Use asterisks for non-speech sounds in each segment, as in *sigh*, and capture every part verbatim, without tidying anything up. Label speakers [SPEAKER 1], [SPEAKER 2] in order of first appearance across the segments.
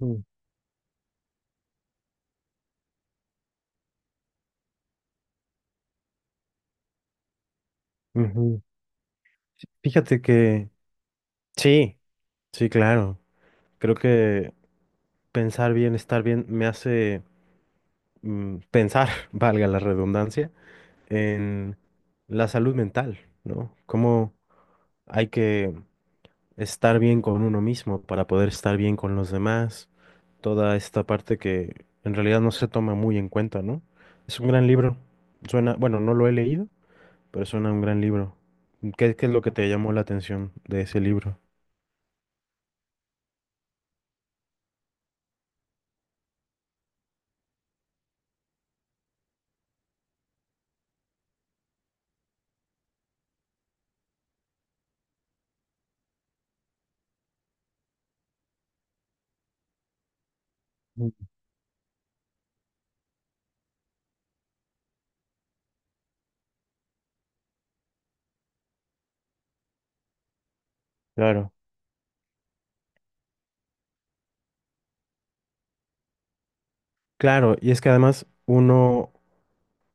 [SPEAKER 1] Mm, ujú. Fíjate que sí, sí, claro. Creo que pensar bien, estar bien, me hace mm, pensar, *laughs* valga la redundancia, en la salud mental, ¿no? Cómo hay que estar bien con uno mismo para poder estar bien con los demás. Toda esta parte que en realidad no se toma muy en cuenta, ¿no? Es un gran libro. Suena, bueno, no lo he leído, pero suena un gran libro. ¿Qué, qué es lo que te llamó la atención de ese libro? Mm. Claro, claro, y es que además uno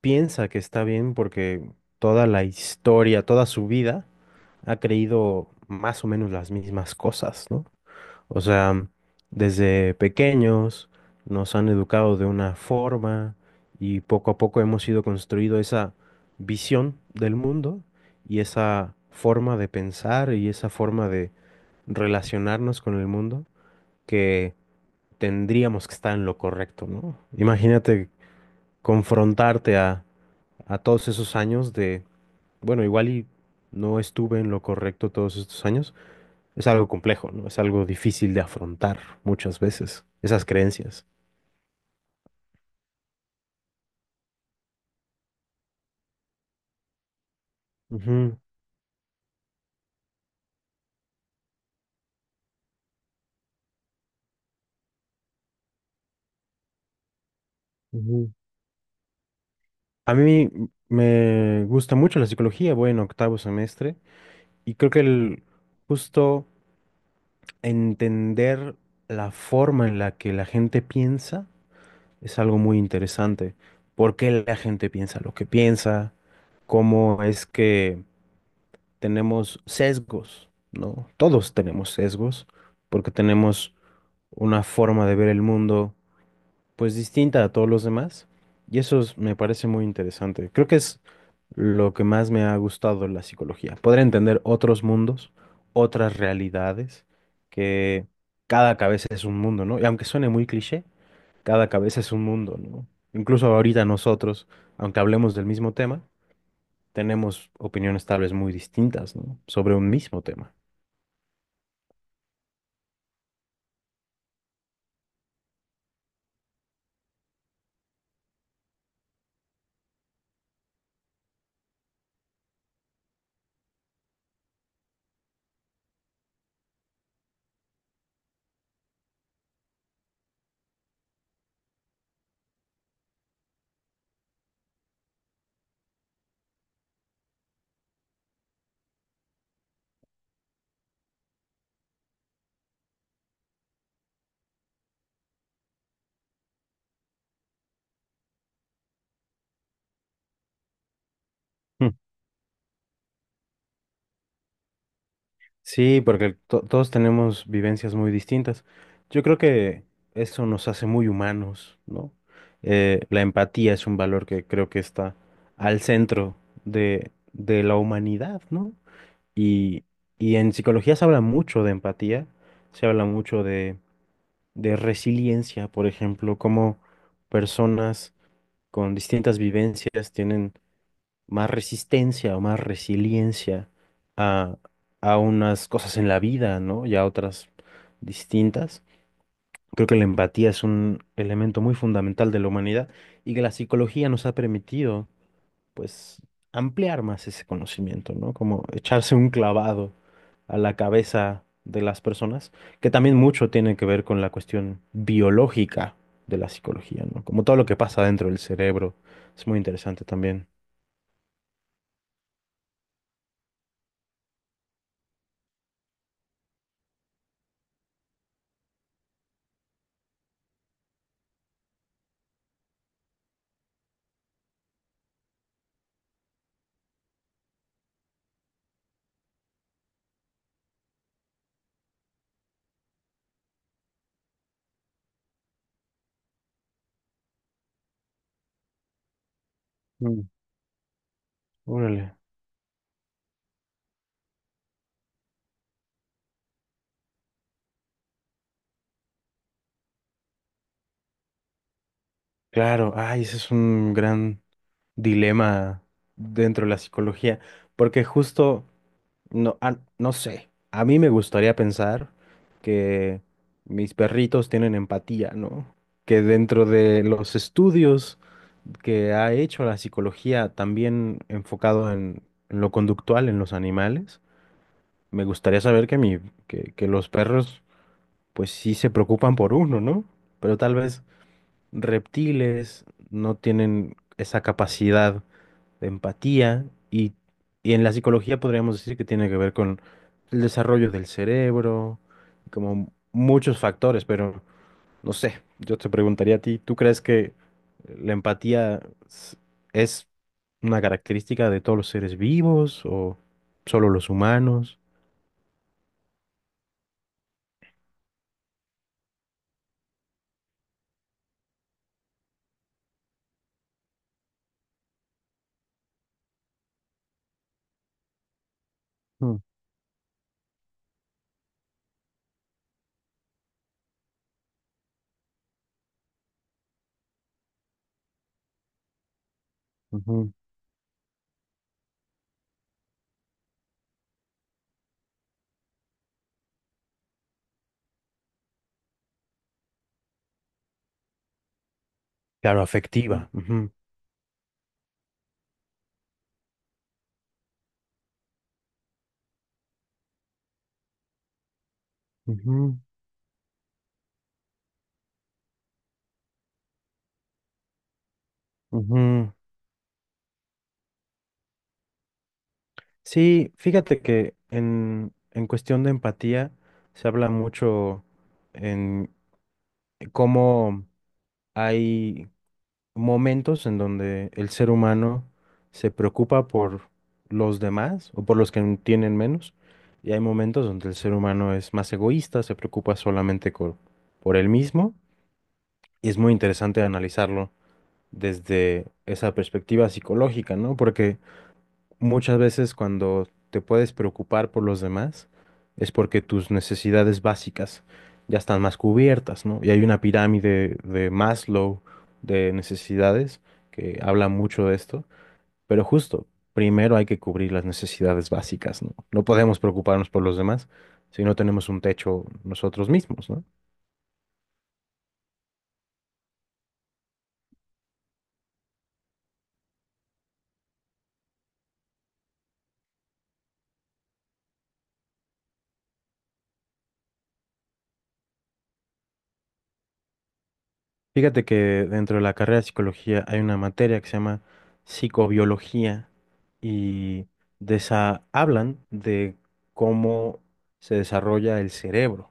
[SPEAKER 1] piensa que está bien porque toda la historia, toda su vida ha creído más o menos las mismas cosas, ¿no? O sea, desde pequeños nos han educado de una forma y poco a poco hemos ido construyendo esa visión del mundo y esa forma de pensar y esa forma de relacionarnos con el mundo que tendríamos que estar en lo correcto, ¿no? Imagínate confrontarte a, a todos esos años de, bueno, igual y no estuve en lo correcto todos estos años es algo complejo, ¿no? Es algo difícil de afrontar muchas veces, esas creencias. Ujú, ujú. A mí me gusta mucho la psicología, voy en octavo semestre y creo que el justo entender la forma en la que la gente piensa es algo muy interesante. ¿Por qué la gente piensa lo que piensa? ¿Cómo es que tenemos sesgos? ¿No? Todos tenemos sesgos porque tenemos una forma de ver el mundo pues distinta a todos los demás. Y eso es- me parece muy interesante. Creo que es lo que más me ha gustado de la psicología. Poder entender otros mundos, otras realidades, que cada cabeza es un mundo, ¿no? Y aunque suene muy cliché, cada cabeza es un mundo, ¿no? Incluso ahorita nosotros, aunque hablemos del mismo tema, tenemos opiniones tal vez muy distintas, ¿no? Sobre un mismo tema. Sí, porque to- todos tenemos vivencias muy distintas. Yo creo que eso nos hace muy humanos, ¿no? Eh, la empatía es un valor que creo que está al centro de, de la humanidad, ¿no? Y, y en psicología se habla mucho de empatía, se habla mucho de, de, resiliencia, por ejemplo, cómo personas con distintas vivencias tienen más resistencia o más resiliencia a, a unas cosas en la vida, ¿no? Y a otras distintas. Creo que la empatía es un elemento muy fundamental de la humanidad y que la psicología nos ha permitido, pues, ampliar más ese conocimiento, ¿no? Como echarse un clavado a la cabeza de las personas, que también mucho tiene que ver con la cuestión biológica de la psicología, ¿no? Como todo lo que pasa dentro del cerebro, es muy interesante también. Mm. Órale. Claro, ay, ese es un gran dilema dentro de la psicología, porque justo, no, ah, no sé, a mí me gustaría pensar que mis perritos tienen empatía, ¿no? Que dentro de los estudios que ha hecho la psicología, también enfocado en, en, lo conductual, en los animales, me gustaría saber que, mi, que, que los perros, pues sí se preocupan por uno, ¿no? Pero tal vez reptiles, no tienen esa capacidad de empatía y, y en la psicología podríamos decir que tiene que ver con el desarrollo del cerebro, como muchos factores, pero no sé, yo te preguntaría a ti, ¿tú crees que la empatía s- es una característica de todos los seres vivos o solo los humanos? Mm, ujú. Claro, afectiva. Ujú, ujú, ujú. Sí, fíjate que en, en cuestión de empatía se habla mucho en cómo hay momentos en donde el ser humano se preocupa por los demás o por los que tienen menos, y hay momentos donde el ser humano es más egoísta, se preocupa solamente co- por él mismo, y es muy interesante analizarlo desde esa perspectiva psicológica, ¿no? Porque muchas veces cuando te puedes preocupar por los demás es porque tus necesidades básicas ya están más cubiertas, ¿no? Y hay una pirámide de Maslow de necesidades que habla mucho de esto, pero justo, primero hay que cubrir las necesidades básicas, ¿no? No podemos preocuparnos por los demás si no tenemos un techo nosotros mismos, ¿no? Fíjate que dentro de la carrera de psicología hay una materia que se llama psicobiología y desa- hablan de cómo se desarrolla el cerebro,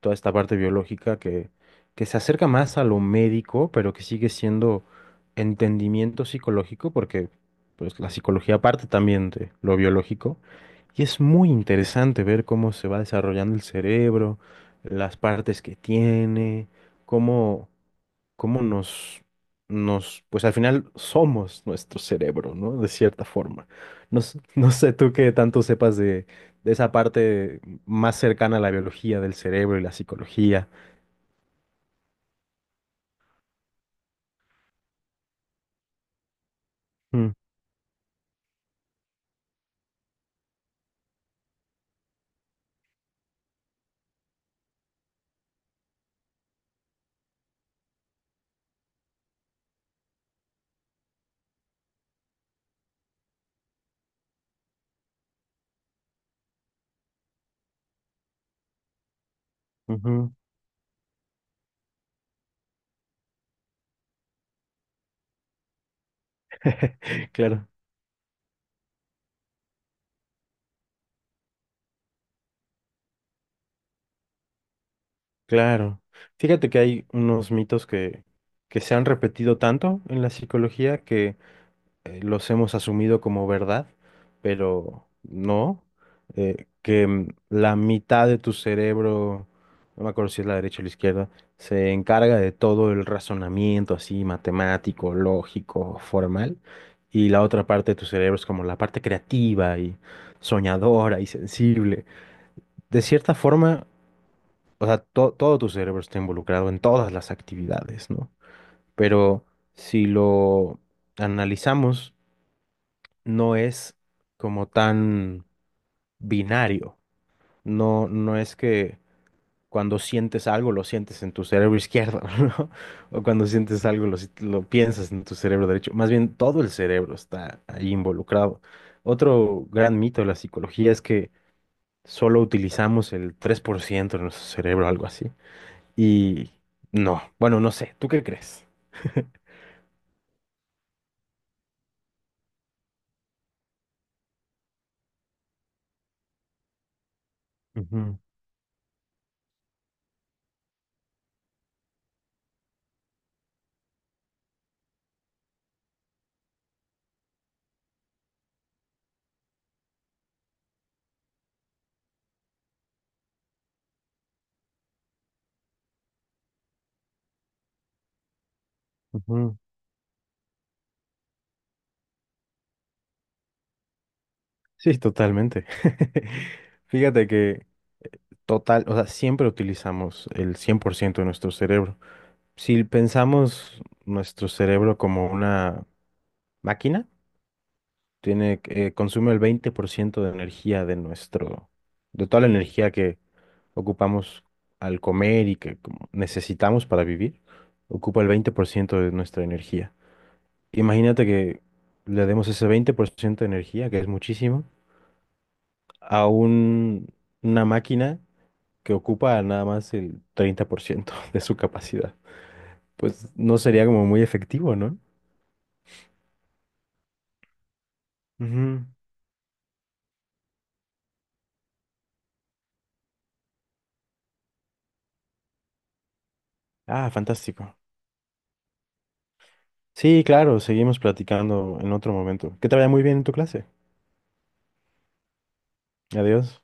[SPEAKER 1] toda esta parte biológica que, que se acerca más a lo médico, pero que sigue siendo entendimiento psicológico, porque pues, la psicología parte también de lo biológico, y es muy interesante ver cómo se va desarrollando el cerebro, las partes que tiene, cómo nos, nos, pues al final somos nuestro cerebro, ¿no? De cierta forma. No, s- no sé tú qué tanto sepas de, de esa parte más cercana a la biología del cerebro y la psicología. Mm, ujú. *laughs* Claro, claro. Fíjate que hay unos mitos que, que se han repetido tanto en la psicología eh, los hemos asumido como verdad, pero no, eh, que mm, la mitad de tu cerebro, no me acuerdo si es la derecha o la izquierda, se encarga de todo el razonamiento así matemático, lógico, formal, y la otra parte de tu cerebro es como la parte creativa y soñadora y sensible. De cierta forma, o sea, to- todo tu cerebro está involucrado en todas las actividades, ¿no? Pero si lo analizamos, no es como tan binario. No, no es que cuando sientes algo lo sientes en tu cerebro izquierdo, *laughs* ¿no? O cuando sientes algo lo, si- lo piensas en tu cerebro derecho. Más bien todo el cerebro está ahí involucrado. Otro gran mito de la psicología es que solo utilizamos el tres por ciento de nuestro cerebro, algo así. Y no, bueno, no sé, ¿tú qué crees? Ujú, ujú. Sí, totalmente. *laughs* Fíjate que total, o sea, siempre utilizamos el cien por ciento de nuestro cerebro. Si pensamos nuestro cerebro como una máquina, tiene, que- consume el veinte por ciento de energía de nuestro, de toda la energía que ocupamos al comer y que como necesitamos para vivir, ocupa el veinte por ciento de nuestra energía. Imagínate que le demos ese veinte por ciento de energía, que es muchísimo, a un- una máquina que ocupa nada más el treinta por ciento *laughs* de su capacidad. Pues no sería como muy efectivo, ¿no? Ujú. Ah, fantástico. Sí, claro, seguimos platicando en otro momento. Que te vaya muy bien en tu clase. Adiós.